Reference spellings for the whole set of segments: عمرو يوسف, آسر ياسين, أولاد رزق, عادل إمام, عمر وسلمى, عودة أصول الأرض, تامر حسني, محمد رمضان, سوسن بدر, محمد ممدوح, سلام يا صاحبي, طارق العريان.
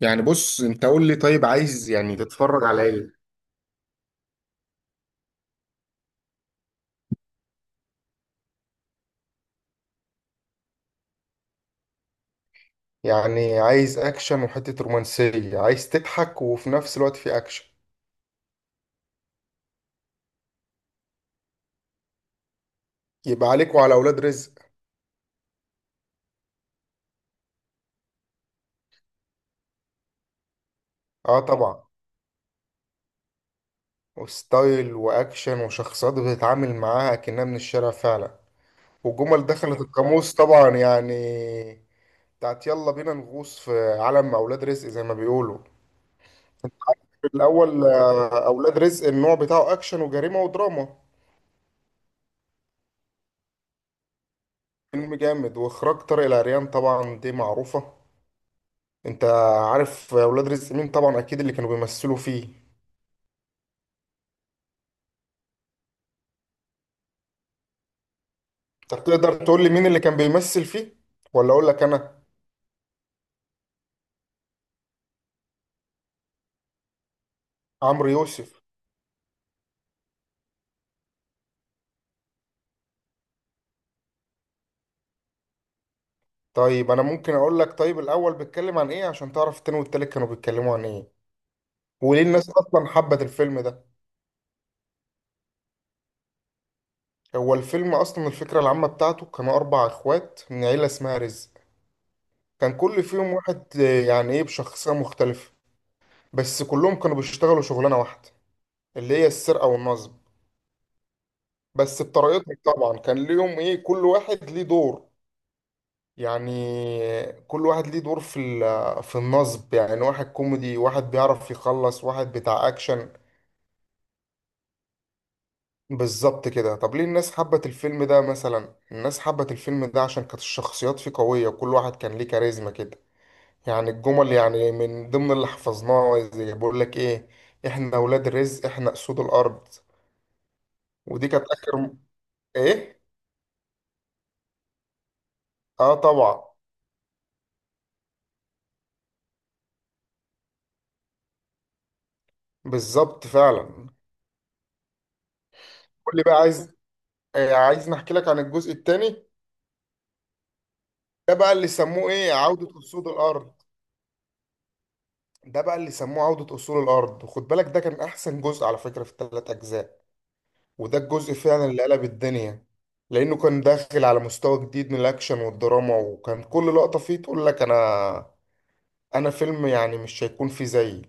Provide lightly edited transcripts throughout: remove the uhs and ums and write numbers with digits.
يعني بص، انت قول لي طيب عايز يعني تتفرج على ايه؟ يعني عايز اكشن وحتة رومانسية، عايز تضحك وفي نفس الوقت في اكشن؟ يبقى عليك وعلى اولاد رزق. اه طبعا. وستايل واكشن وشخصيات بتتعامل معاها كأنها من الشارع فعلا. وجمل دخلت القاموس طبعا، يعني بتاعت يلا بينا نغوص في عالم اولاد رزق زي ما بيقولوا. في الاول اولاد رزق النوع بتاعه اكشن وجريمة ودراما. فيلم جامد واخراج طارق العريان طبعا دي معروفة. انت عارف اولاد رزق مين طبعا، اكيد اللي كانوا بيمثلوا فيه. طب تقدر تقول لي مين اللي كان بيمثل فيه ولا اقول لك انا؟ عمرو يوسف. طيب انا ممكن اقول لك طيب الاول بيتكلم عن ايه عشان تعرف التاني والتالت كانوا بيتكلموا عن ايه، وليه الناس اصلا حبت الفيلم ده. هو الفيلم اصلا الفكره العامه بتاعته، كانوا اربع اخوات من عيله اسمها رزق. كان كل فيهم واحد يعني ايه، بشخصيه مختلفه. بس كلهم كانوا بيشتغلوا شغلانه واحده، اللي هي السرقه والنصب. بس بطريقتهم طبعا، كان ليهم ايه، كل واحد ليه دور يعني. كل واحد ليه دور في في النصب، يعني واحد كوميدي، واحد بيعرف يخلص، واحد بتاع اكشن. بالظبط كده. طب ليه الناس حبت الفيلم ده؟ مثلا الناس حبت الفيلم ده عشان كانت الشخصيات فيه قوية، وكل واحد كان ليه كاريزما كده. يعني الجمل يعني من ضمن اللي حفظناه زي بقول لك ايه: احنا ولاد الرزق، احنا اسود الارض. ودي كانت اخر ايه. اه طبعا. بالظبط فعلا. قول لي بقى عايز عايز نحكي لك عن الجزء التاني. ده بقى اللي سموه ايه، عودة أصول الأرض. ده بقى اللي سموه عودة أصول الأرض، وخد بالك ده كان أحسن جزء على فكرة في الثلاث أجزاء. وده الجزء فعلا اللي قلب الدنيا. لأنه كان داخل على مستوى جديد من الأكشن والدراما، وكان كل لقطة فيه تقول لك أنا، أنا فيلم يعني مش هيكون فيه زيي.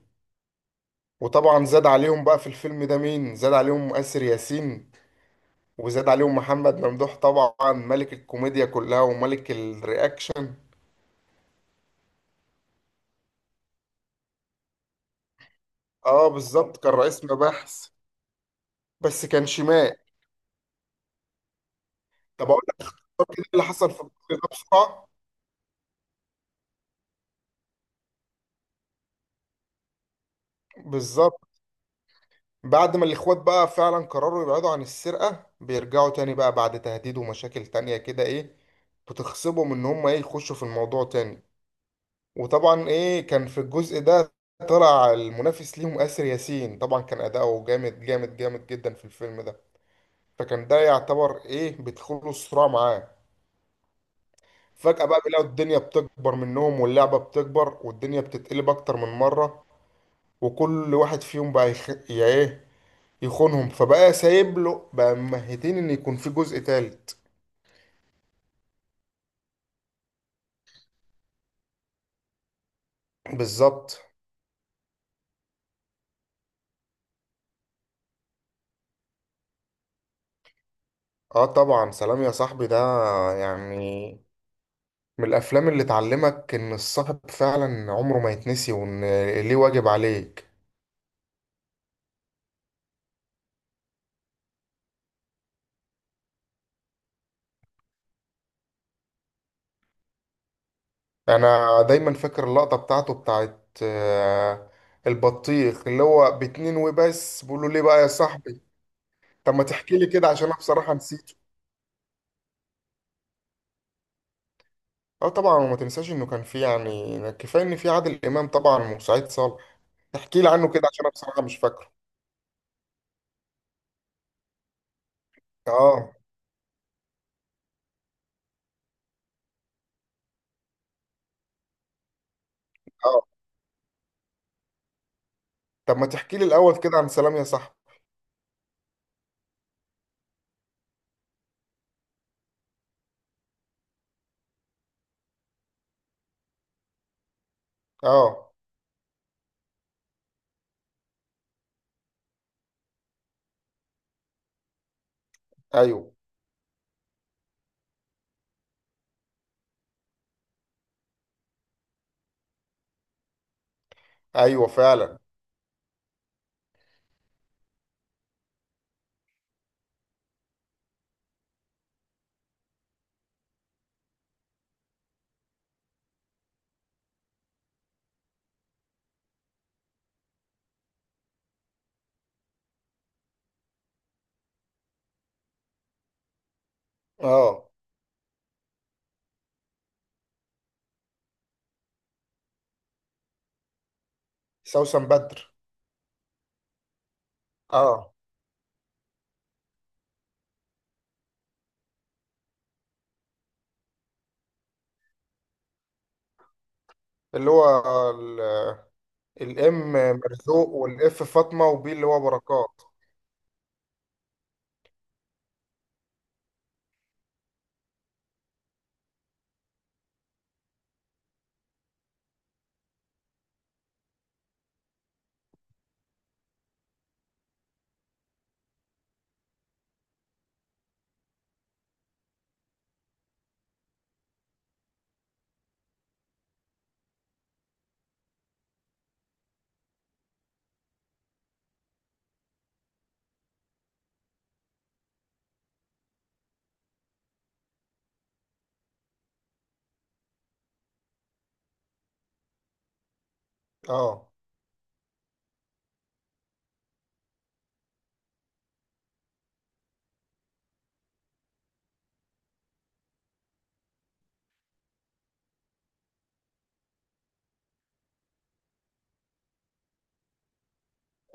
وطبعا زاد عليهم بقى في الفيلم ده مين، زاد عليهم آسر ياسين، وزاد عليهم محمد ممدوح طبعا، ملك الكوميديا كلها وملك الرياكشن. اه بالظبط، كان رئيس مباحث، بس كان شمال. طب كده اللي حصل في مصر ده بسرعة. بالظبط. بعد ما الإخوات بقى فعلا قرروا يبعدوا عن السرقة، بيرجعوا تاني بقى بعد تهديد ومشاكل تانية كده إيه، بتخصبهم إن هم إيه يخشوا في الموضوع تاني. وطبعا إيه كان في الجزء ده طلع المنافس ليهم آسر ياسين، طبعا كان أداؤه جامد جامد جامد جدا في الفيلم ده. فكان ده يعتبر إيه، بيدخلوا الصراع معاه. فجأة بقى بيلاقوا الدنيا بتكبر منهم، واللعبة بتكبر، والدنيا بتتقلب أكتر من مرة. وكل واحد فيهم بقى يخ... يعني ايه، يخونهم، فبقى سايب له بقى ممهدين ان يكون في جزء تالت. بالظبط. اه طبعا، سلام يا صاحبي ده يعني من الافلام اللي تعلمك ان الصاحب فعلا عمره ما يتنسي، وان ليه واجب عليك. انا دايما فاكر اللقطة بتاعته بتاعت البطيخ اللي هو باتنين وبس، بقول له ليه بقى يا صاحبي. طب ما تحكي لي كده عشان انا بصراحة نسيته. اه طبعا، وما تنساش انه كان في يعني كفاية ان في عادل امام طبعا وسعيد صالح. تحكي لي عنه كده عشان انا بصراحة مش فاكره. اه. اه طب ما تحكي لي الاول كده عن سلام يا صاحبي. اه. ايوه ايوه فعلا. اه سوسن بدر. اه اللي هو ال- الام مرزوق، والاف فاطمة، وبي اللي هو بركات. اه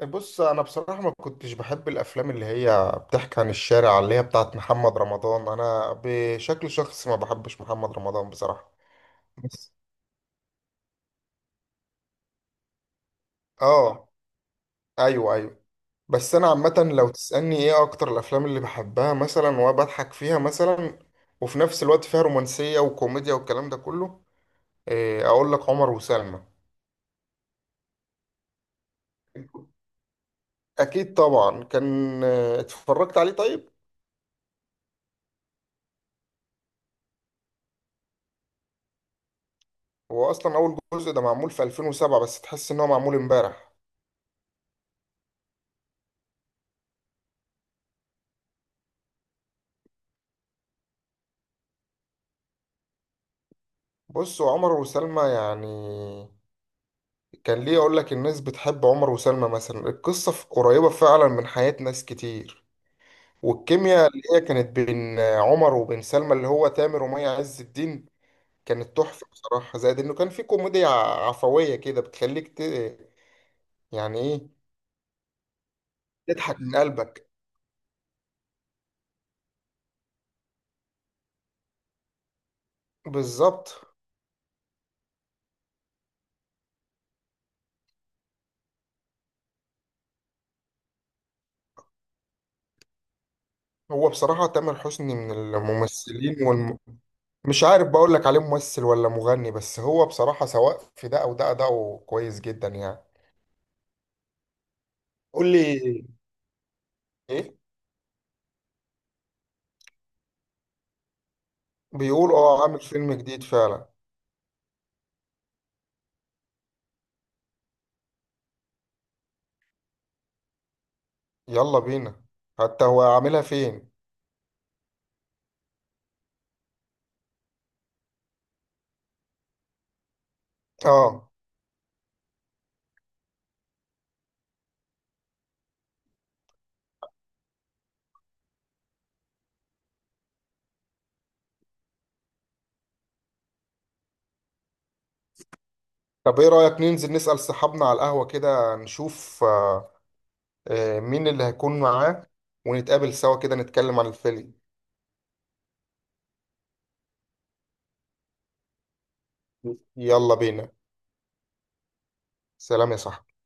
بص انا بصراحة ما كنتش بحب الافلام اللي هي بتحكي عن الشارع، اللي هي بتاعت محمد رمضان. انا بشكل شخصي ما بحبش محمد رمضان بصراحة. بس اه. ايوه ايوه. بس انا عامه لو تسالني ايه اكتر الافلام اللي بحبها مثلا وبضحك فيها مثلا، وفي نفس الوقت فيها رومانسيه وكوميديا والكلام ده كله، اقول لك عمر وسلمى. اكيد طبعا كان اتفرجت عليه. طيب هو اصلا اول جزء ده معمول في 2007، بس تحس ان هو معمول امبارح. بص هو عمر وسلمى يعني، كان ليه اقول لك الناس بتحب عمر وسلمى مثلا، القصه قريبه فعلا من حياة ناس كتير. والكيمياء اللي هي كانت بين عمر وبين سلمى، اللي هو تامر ومي عز الدين، كانت تحفة بصراحة. زائد انه كان في كوميديا عفوية كده بتخليك ت... يعني ايه، تضحك من قلبك. بالظبط. هو بصراحة تامر حسني من الممثلين والم... مش عارف بقول لك عليه ممثل ولا مغني، بس هو بصراحة سواء في ده او ده أداؤه كويس جدا يعني. قول لي ايه. بيقول اه، عامل فيلم جديد فعلا. يلا بينا. حتى هو عاملها فين. اه طب ايه رأيك ننزل نسأل صحابنا على القهوة كده، نشوف مين اللي هيكون معاه، ونتقابل سوا كده نتكلم عن الفيلم. يلا بينا. سلام يا صاحبي.